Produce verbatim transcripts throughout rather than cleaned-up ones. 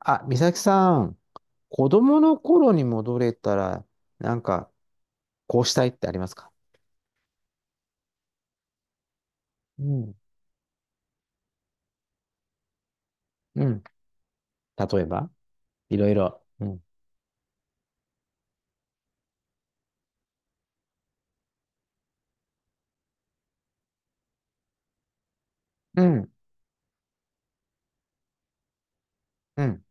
あ、美咲さん、子供の頃に戻れたら、なんか、こうしたいってありますか？うん。うん。例えばいろいろ。うん。うん、うん、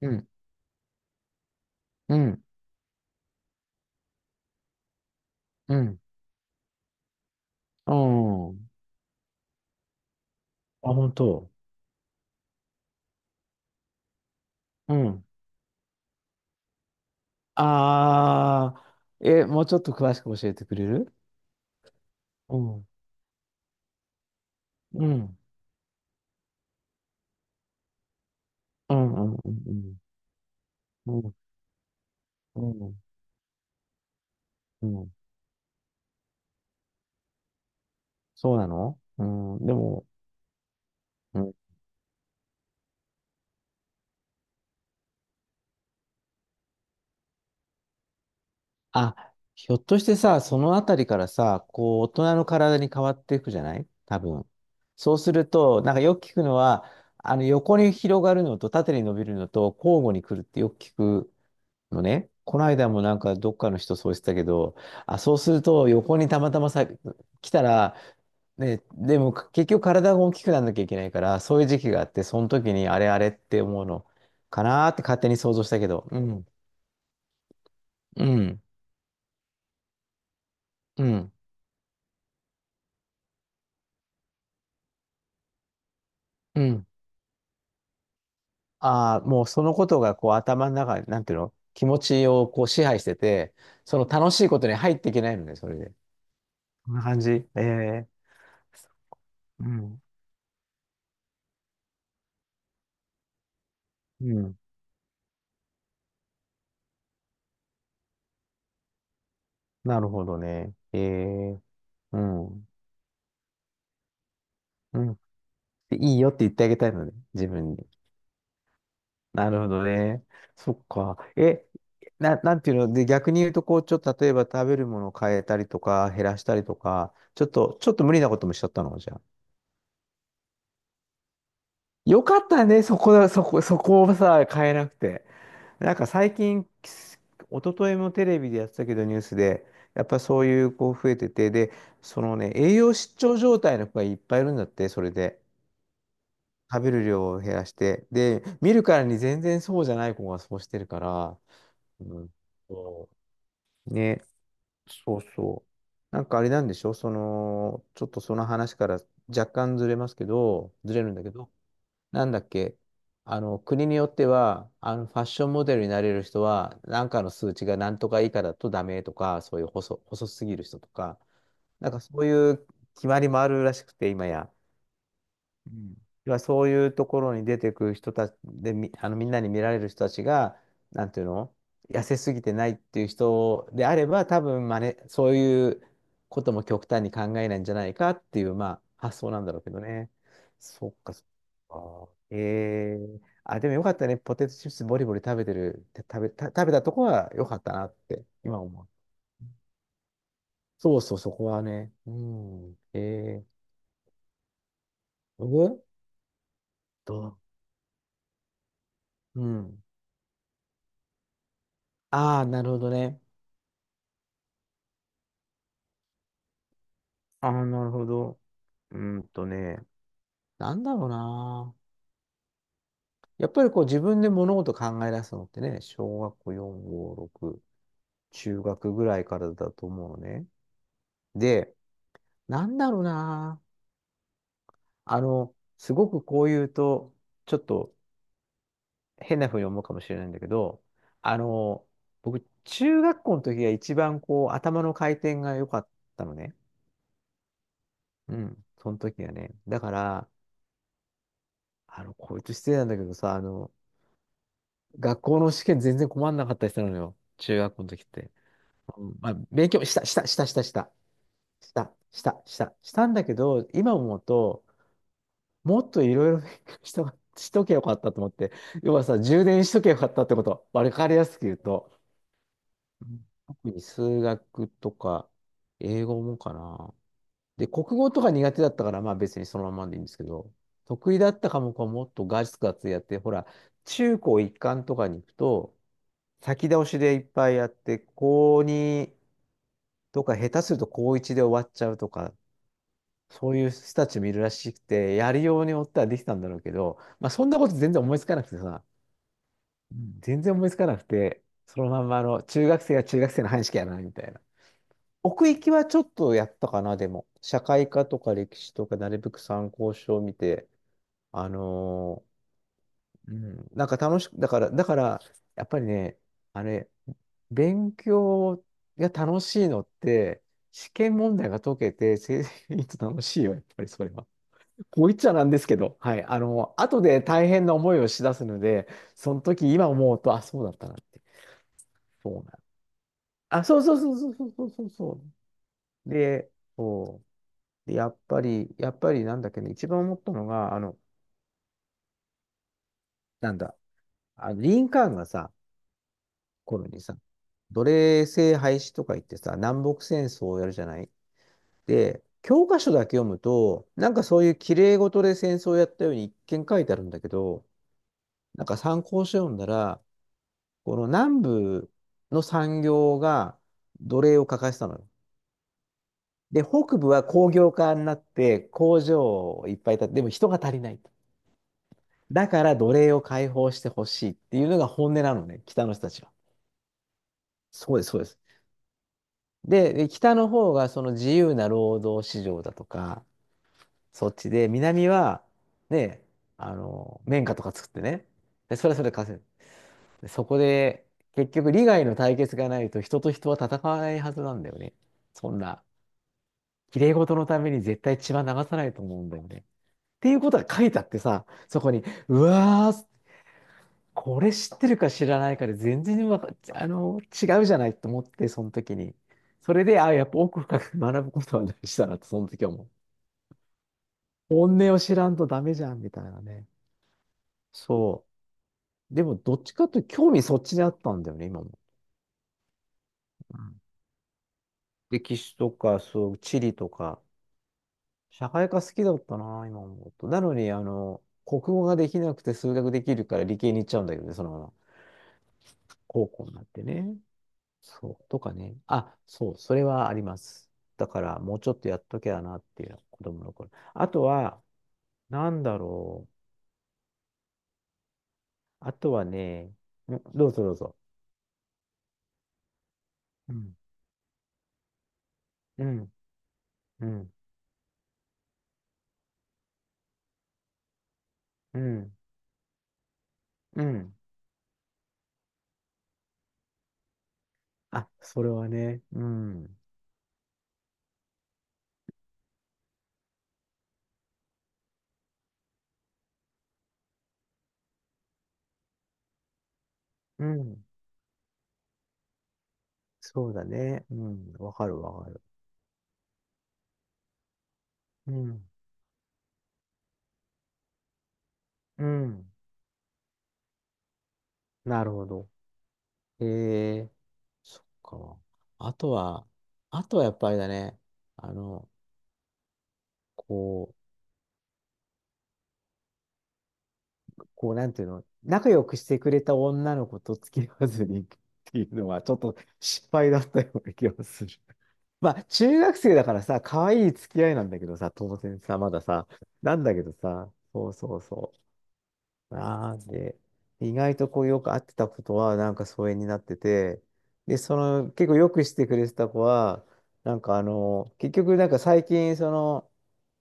うん、うん、うん。うん。あ、本当。うん。あー、え、もうちょっと詳しく教えてくれる？うん、うん、うん、うん、うん、うん、うん、うん。そうなの、うん、でも、うん、あ、ひょっとしてさ、そのあたりからさ、こう、大人の体に変わっていくじゃない、多分。そうすると、なんかよく聞くのは、あの、横に広がるのと縦に伸びるのと交互に来るってよく聞くのね。この間もなんかどっかの人そうしてたけど、あ、そうすると横にたまたまさ、来たら、ね、でも結局体が大きくなんなきゃいけないから、そういう時期があって、その時にあれあれって思うのかなーって勝手に想像したけど。うん、うん、うん、うん。ああ、もうそのことがこう頭の中、なんていうの、気持ちをこう支配してて、その楽しいことに入っていけないのね、それで。こんな感じ。ええ、うん。うん。なるほどね。ええ、うん。うん。でいいよって言ってあげたいのね、自分に。なるほどね。そっか。え、な、なんていうの、で、逆に言うと、こう、ちょっと例えば食べるものを変えたりとか、減らしたりとか、ちょっと、ちょっと無理なこともしちゃったのじゃあ。よかったね、そこだ、そこ、そこをさ、変えなくて。なんか最近、一昨日もテレビでやってたけど、ニュースで、やっぱそういう子増えてて、で、そのね、栄養失調状態の子がいっぱいいるんだって、それで。食べる量を減らして。で、見るからに全然そうじゃない子がそうしてるから。うん、そうね、そうそう。なんかあれなんでしょ、その、ちょっとその話から若干ずれますけど、ずれるんだけど、なんだっけ、あの、国によっては、あの、ファッションモデルになれる人は、なんかの数値が何とか以下だとダメとか、そういう細、細すぎる人とか、なんかそういう決まりもあるらしくて、今や。うん。要はそういうところに出てくる人たちで、み、あのみんなに見られる人たちが、なんていうの、痩せすぎてないっていう人であれば、多分真似、そういうことも極端に考えないんじゃないかっていう、まあ、発想なんだろうけどね。そっか、そっか。えー、あ、でもよかったね。ポテトチップスボリボリ食べてる、て食べ、た、食べたとこはよかったなって、今思う。そうそう、そこはね。うん。えー、僕どう？うん。ああ、なるほどね。ああ、なるほど。うーんとね、なんだろうな。やっぱりこう自分で物事考え出すのってね、小学校よん、ご、ろく、中学ぐらいからだと思うのね。で、なんだろうな。あの、すごくこう言うと、ちょっと変な風に思うかもしれないんだけど、あの、僕、中学校の時が一番こう頭の回転が良かったのね。うん、その時はね。だから、あの、こいつ失礼なんだけどさ、あの、学校の試験全然困んなかったりするのよ。中学校の時って。うん、まあ、勉強した、した、した、した、した、した、した、した、したんだけど、今思うと、もっといろいろ勉強しと、しとけよかったと思って、要はさ、充電しとけよかったってこと。わかりやすく言うと。うん、特に数学とか、英語もかな。で、国語とか苦手だったから、まあ別にそのままでいいんですけど、得意だった科目はもっとガツガツやって、ほら、中高一貫とかに行くと、先倒しでいっぱいやって、高にとか下手すると高いちで終わっちゃうとか、そういう人たちもいるらしくて、やるようによってはできたんだろうけど、まあそんなこと全然思いつかなくてさ、うん全然思いつかなくて、そのまんまあの中学生は中学生の範囲しかやらないみたいな。奥行きはちょっとやったかな、でも。社会科とか歴史とかなるべく参考書を見て、あのうん、なんか楽しく、だから、だから、やっぱりね、あれ、勉強が楽しいのって、試験問題が解けて、成績いいと楽しいよ、やっぱりそれは。こう言っちゃなんですけど、はい。あの、後で大変な思いをしだすので、その時、今思うと、あ、そうだったなって。そうなの。あ、そうそうそうそうそうそうそうそう。で、そう。で、やっぱり、やっぱりなんだっけね、一番思ったのが、あの、なんだ、あのリンカーンがさ、頃にさ、奴隷制廃止とか言ってさ、南北戦争をやるじゃない？で、教科書だけ読むと、なんかそういう綺麗事で戦争をやったように一見書いてあるんだけど、なんか参考書読んだら、この南部の産業が奴隷を欠かしたのよ。で、北部は工業化になって工場をいっぱい建て、でも人が足りないと。だから奴隷を解放してほしいっていうのが本音なのね、北の人たちは。そうです、そうです。で、北の方がその自由な労働市場だとか、そっちで、南は、ね、あの、綿花とか作ってね、で、それはそれで稼ぐ。でそこで、結局利害の対決がないと人と人は戦わないはずなんだよね。そんな、綺麗事のために絶対血は流さないと思うんだよね。っていうことが書いてあってさ、そこに、うわーっつ、これ知ってるか知らないかで全然わか、あの、違うじゃないと思って、その時に。それで、あ、やっぱ奥深く学ぶことは大事だなと、その時は思う。本音を知らんとダメじゃん、みたいなね。そう。でも、どっちかというと、興味そっちにあったんだよね、今も。うん、歴史とか、そう、地理とか、社会科好きだったな、今思うと。なのに、あの、国語ができなくて数学できるから理系に行っちゃうんだけどね、そのまま。高校になってね。そう、とかね。あ、そう、それはあります。だから、もうちょっとやっときゃなっていうのは子供の頃。あとは、なんだろう。あとはね、んどうぞどうぞ。うん、うん、うん、うん、うん。あ、それはね、うん、うん。そうだね。うん、わかるわかる。うん、うん。なるほど。えー、そっか。あとは、あとはやっぱりだね。あの、こう、こう、なんていうの、仲良くしてくれた女の子と付き合わずにっていうのは、ちょっと失敗だったような気がする。まあ、中学生だからさ、可愛い付き合いなんだけどさ、当然さ、まださ、なんだけどさ、そうそうそう。なんで、意外とこう、よく会ってたことは、なんか疎遠になってて、で、その、結構よくしてくれてた子は、なんかあの、結局、なんか最近、その、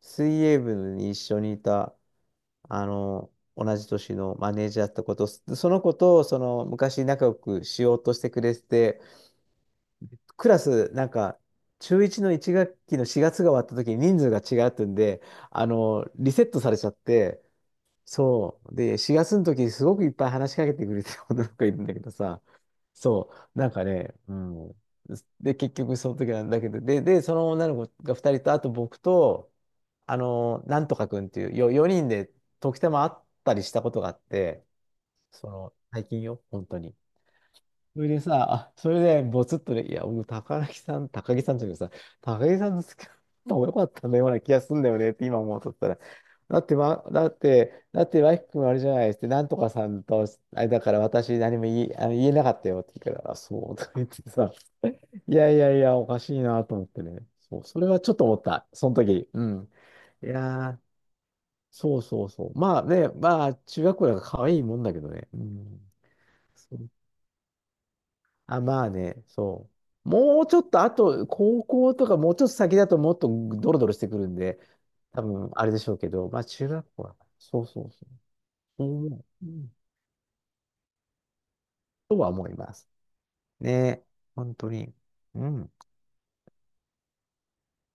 水泳部に一緒にいた、あの、同じ年のマネージャーだったこと、そその子と、その、昔仲良くしようとしてくれてて、クラス、なんか、中いちのいち学期のしがつが終わった時に人数が違うってんで、あの、リセットされちゃって、そう。で、しがつの時、すごくいっぱい話しかけてくれてる女の子がいるんだけどさ、そう、なんかね、うん。で、結局その時なんだけど、で、で、その女の子がふたりと、あと僕と、あの、なんとかくんっていう、よ、よにんで時たま会ったりしたことがあって、その、最近よ、本当に。それでさ、あ、それでボツッとで、いや、僕、高木さん、高木さんじゃなくさ、高木さんの好きな方も良かったんだような気がすんだよねって今思うとったら、だって、ま、だって、だって、ワイキ君あれじゃないですって、なんとかさんと、あれだから私何も言い、あの言えなかったよって言うから、あ、そうとか言ってさ、いやいやいや、おかしいなと思ってね。そう、それはちょっと思った、その時。うん。いやー、そうそうそう。まあね、まあ、中学校だから可愛いもんだけどね。うん。そう、あ、まあね、そう。もうちょっと、あと、高校とかもうちょっと先だともっとドロドロしてくるんで、多分あれでしょうけど、まあ中学校は、そうそうそう、そう思う、うんとは思います。ね、本当に。うん。